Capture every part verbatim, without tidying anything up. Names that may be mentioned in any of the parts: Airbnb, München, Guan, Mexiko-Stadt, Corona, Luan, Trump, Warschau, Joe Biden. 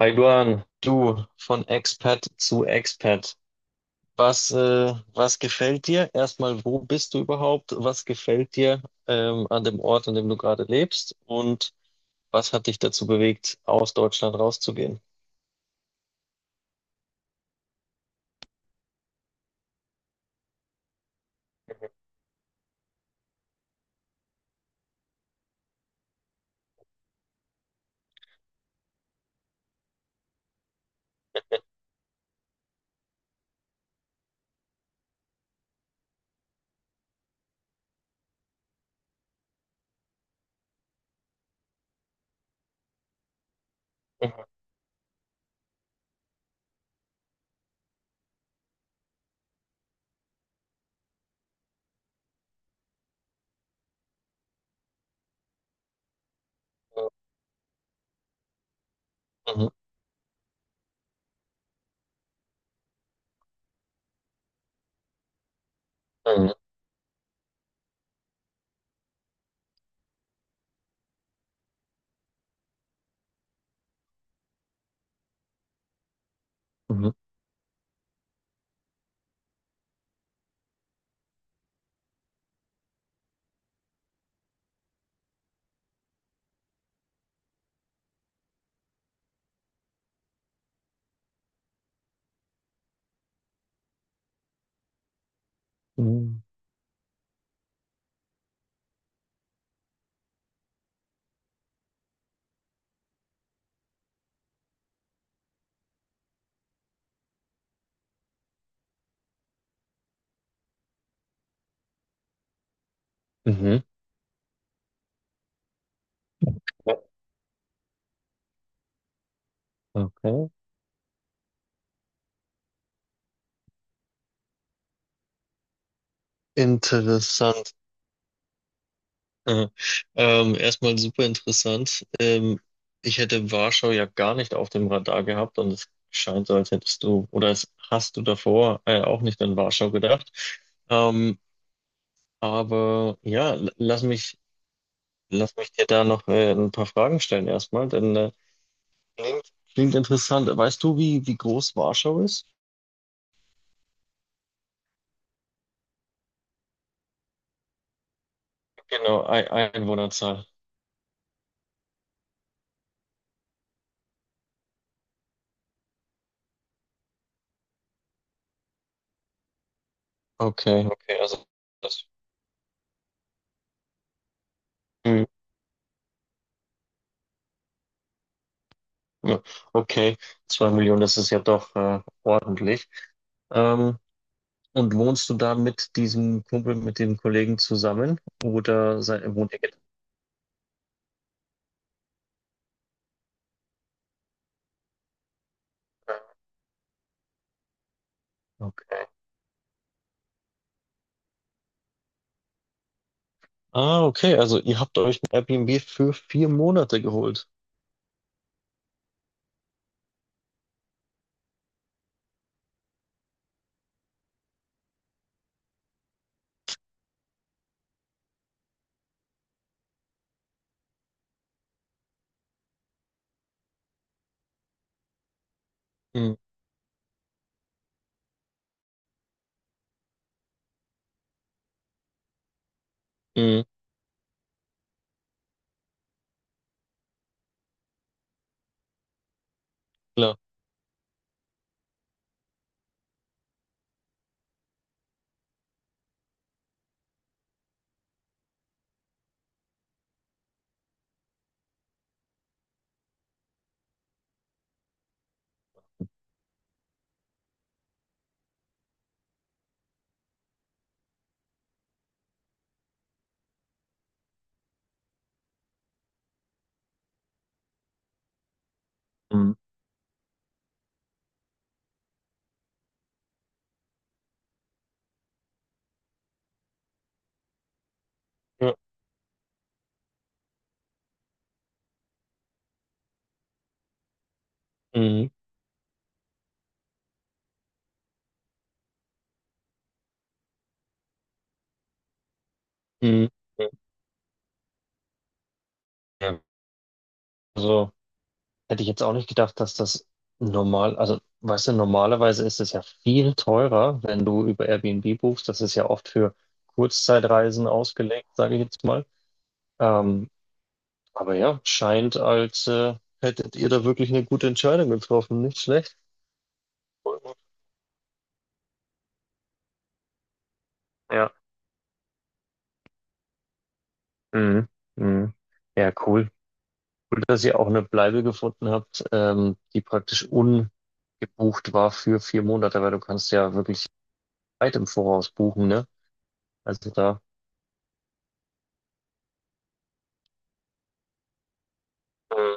Hi Guan, du von Expat zu Expat. Was, äh, was gefällt dir? Erstmal, wo bist du überhaupt? Was gefällt dir ähm, an dem Ort, an dem du gerade lebst? Und was hat dich dazu bewegt, aus Deutschland rauszugehen? Mhm. Mhm. Mhm. Mhm. Mhm. Mhm. Ja. Okay. Interessant. Aha. Ähm, erstmal super interessant. Ähm, ich hätte Warschau ja gar nicht auf dem Radar gehabt, und es scheint so, als hättest du oder als hast du davor äh, auch nicht an Warschau gedacht. Ähm, aber ja, l- lass mich, lass mich dir da noch äh, ein paar Fragen stellen erstmal, denn äh, klingt, klingt interessant. Weißt du, wie, wie groß Warschau ist? Genau, Ei- Einwohnerzahl. Okay, okay, also das. Hm, ja, okay, zwei Millionen, das ist ja doch äh, ordentlich. Ähm, Und wohnst du da mit diesem Kumpel, mit dem Kollegen zusammen? Oder sei, wohnt ihr getrennt? Okay. Ah, okay. Also ihr habt euch ein Airbnb für vier Monate geholt. Mhm. Mhm. Klar. Mhm. Ja. Mhm. Mhm. Mhm. Ja. Also hätte ich jetzt auch nicht gedacht, dass das normal, also weißt du, normalerweise ist es ja viel teurer, wenn du über Airbnb buchst. Das ist ja oft für Kurzzeitreisen ausgelegt, sage ich jetzt mal. Ähm, Aber ja, scheint, als äh, hättet ihr da wirklich eine gute Entscheidung getroffen. Nicht schlecht. Ja. Mhm. Mhm. Ja, cool. Cool, dass ihr auch eine Bleibe gefunden habt, ähm, die praktisch ungebucht war für vier Monate, weil du kannst ja wirklich weit im Voraus buchen, ne? Also da. Mhm.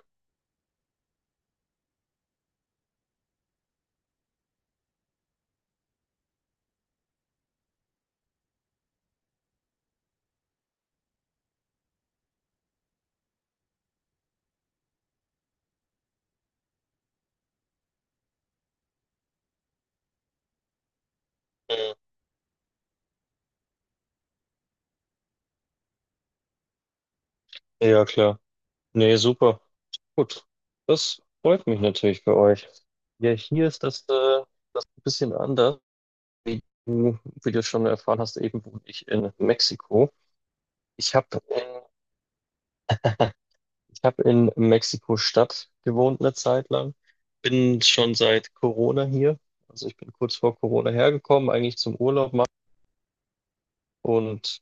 Mhm. Ja, klar. Nee, super. Gut. Das freut mich natürlich für euch. Ja, hier ist das, äh, das ein bisschen anders, wie du, wie du schon erfahren hast, eben wohne ich in Mexiko. Ich habe in, ich hab in Mexiko-Stadt gewohnt eine Zeit lang. Bin schon seit Corona hier. Also ich bin kurz vor Corona hergekommen, eigentlich zum Urlaub machen. Und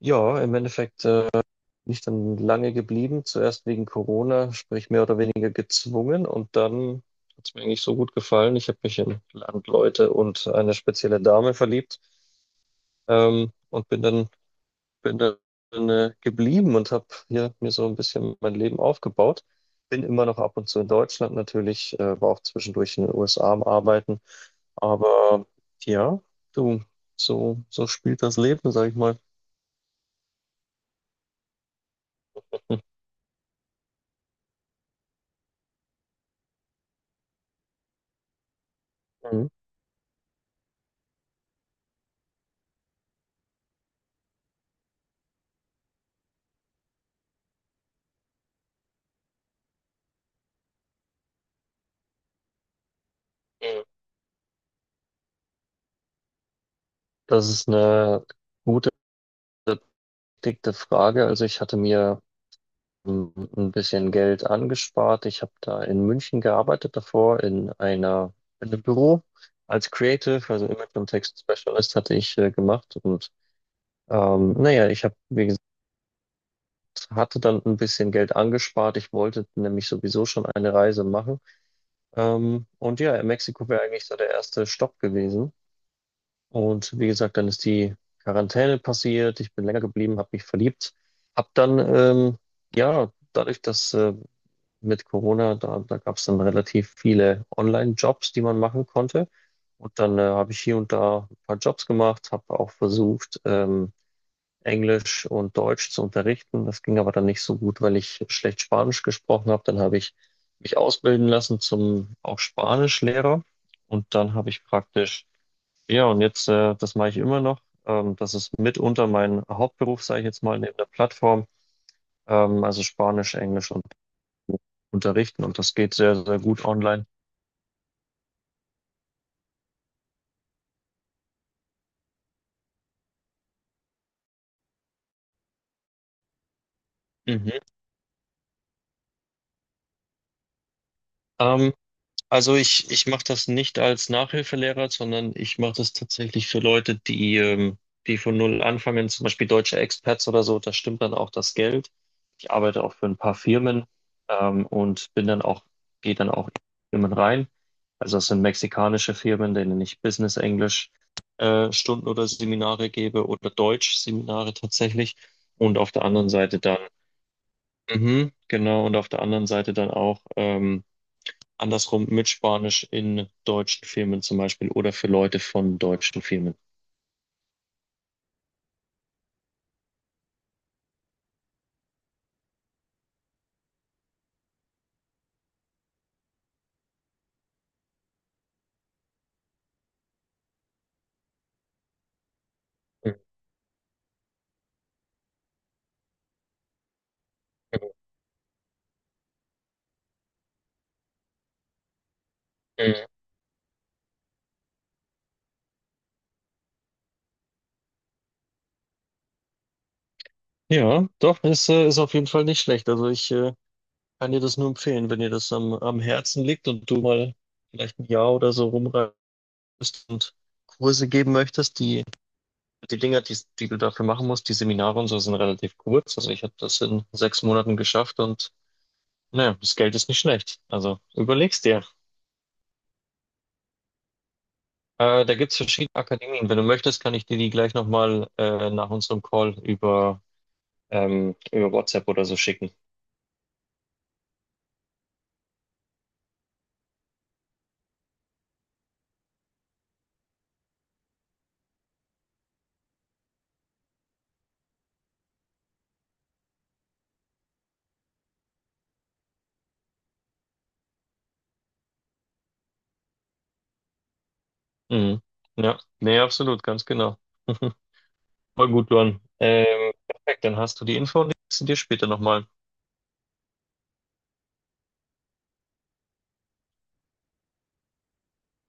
ja, im Endeffekt äh, bin ich dann lange geblieben. Zuerst wegen Corona, sprich mehr oder weniger gezwungen. Und dann hat es mir eigentlich so gut gefallen. Ich habe mich in Landleute und eine spezielle Dame verliebt, ähm, und bin dann bin dann äh, geblieben und habe hier mir so ein bisschen mein Leben aufgebaut. Bin immer noch ab und zu in Deutschland natürlich, äh, war auch zwischendurch in den U S A am Arbeiten. Aber ja, du, so, so spielt das Leben, sag ich mal. Mhm. Mhm. Das ist eine gute, dicke Frage. Also ich hatte mir mm, ein bisschen Geld angespart. Ich habe da in München gearbeitet davor in einer, in einem Büro als Creative, also Image und Text Specialist hatte ich äh, gemacht und Ähm, naja, ich habe wie gesagt, hatte dann ein bisschen Geld angespart. Ich wollte nämlich sowieso schon eine Reise machen. Ähm, und ja, Mexiko wäre eigentlich so der erste Stopp gewesen. Und wie gesagt, dann ist die Quarantäne passiert. Ich bin länger geblieben, habe mich verliebt. Hab dann, ähm, ja, dadurch, dass äh, mit Corona, da, da gab es dann relativ viele Online-Jobs, die man machen konnte. Und dann äh, habe ich hier und da ein paar Jobs gemacht, habe auch versucht, ähm, Englisch und Deutsch zu unterrichten. Das ging aber dann nicht so gut, weil ich schlecht Spanisch gesprochen habe. Dann habe ich mich ausbilden lassen zum auch Spanischlehrer und dann habe ich praktisch, ja, und jetzt, äh, das mache ich immer noch. Ähm, das ist mitunter mein Hauptberuf, sage ich jetzt mal, neben der Plattform. Ähm, also Spanisch, Englisch und unterrichten, und das geht sehr, sehr gut online. Mhm. Ähm, Also ich, ich mache das nicht als Nachhilfelehrer, sondern ich mache das tatsächlich für Leute, die, ähm, die von null anfangen, zum Beispiel deutsche Expats oder so, da stimmt dann auch das Geld. Ich arbeite auch für ein paar Firmen, ähm, und bin dann auch, gehe dann auch in Firmen rein. Also das sind mexikanische Firmen, denen ich Business Englisch, äh, Stunden oder Seminare gebe oder Deutsch-Seminare tatsächlich. Und auf der anderen Seite dann, mhm, genau, und auf der anderen Seite dann auch, ähm, andersrum mit Spanisch in deutschen Filmen zum Beispiel oder für Leute von deutschen Filmen. Mhm. Mhm. Ja, doch, ist, äh, ist auf jeden Fall nicht schlecht. Also ich äh, kann dir das nur empfehlen, wenn dir das am, am Herzen liegt und du mal vielleicht ein Jahr oder so rumreist und Kurse geben möchtest. Die, die Dinger, die, die du dafür machen musst, die Seminare und so sind relativ kurz. Also ich habe das in sechs Monaten geschafft und naja, das Geld ist nicht schlecht. Also überleg's dir. Äh, da gibt es verschiedene Akademien. Wenn du möchtest, kann ich dir die gleich nochmal äh, nach unserem Call über, ähm, über WhatsApp oder so schicken. Mhm. Ja, nee, absolut, ganz genau. Voll gut, Luan. Ähm, perfekt, dann hast du die Info und liest sie dir später nochmal.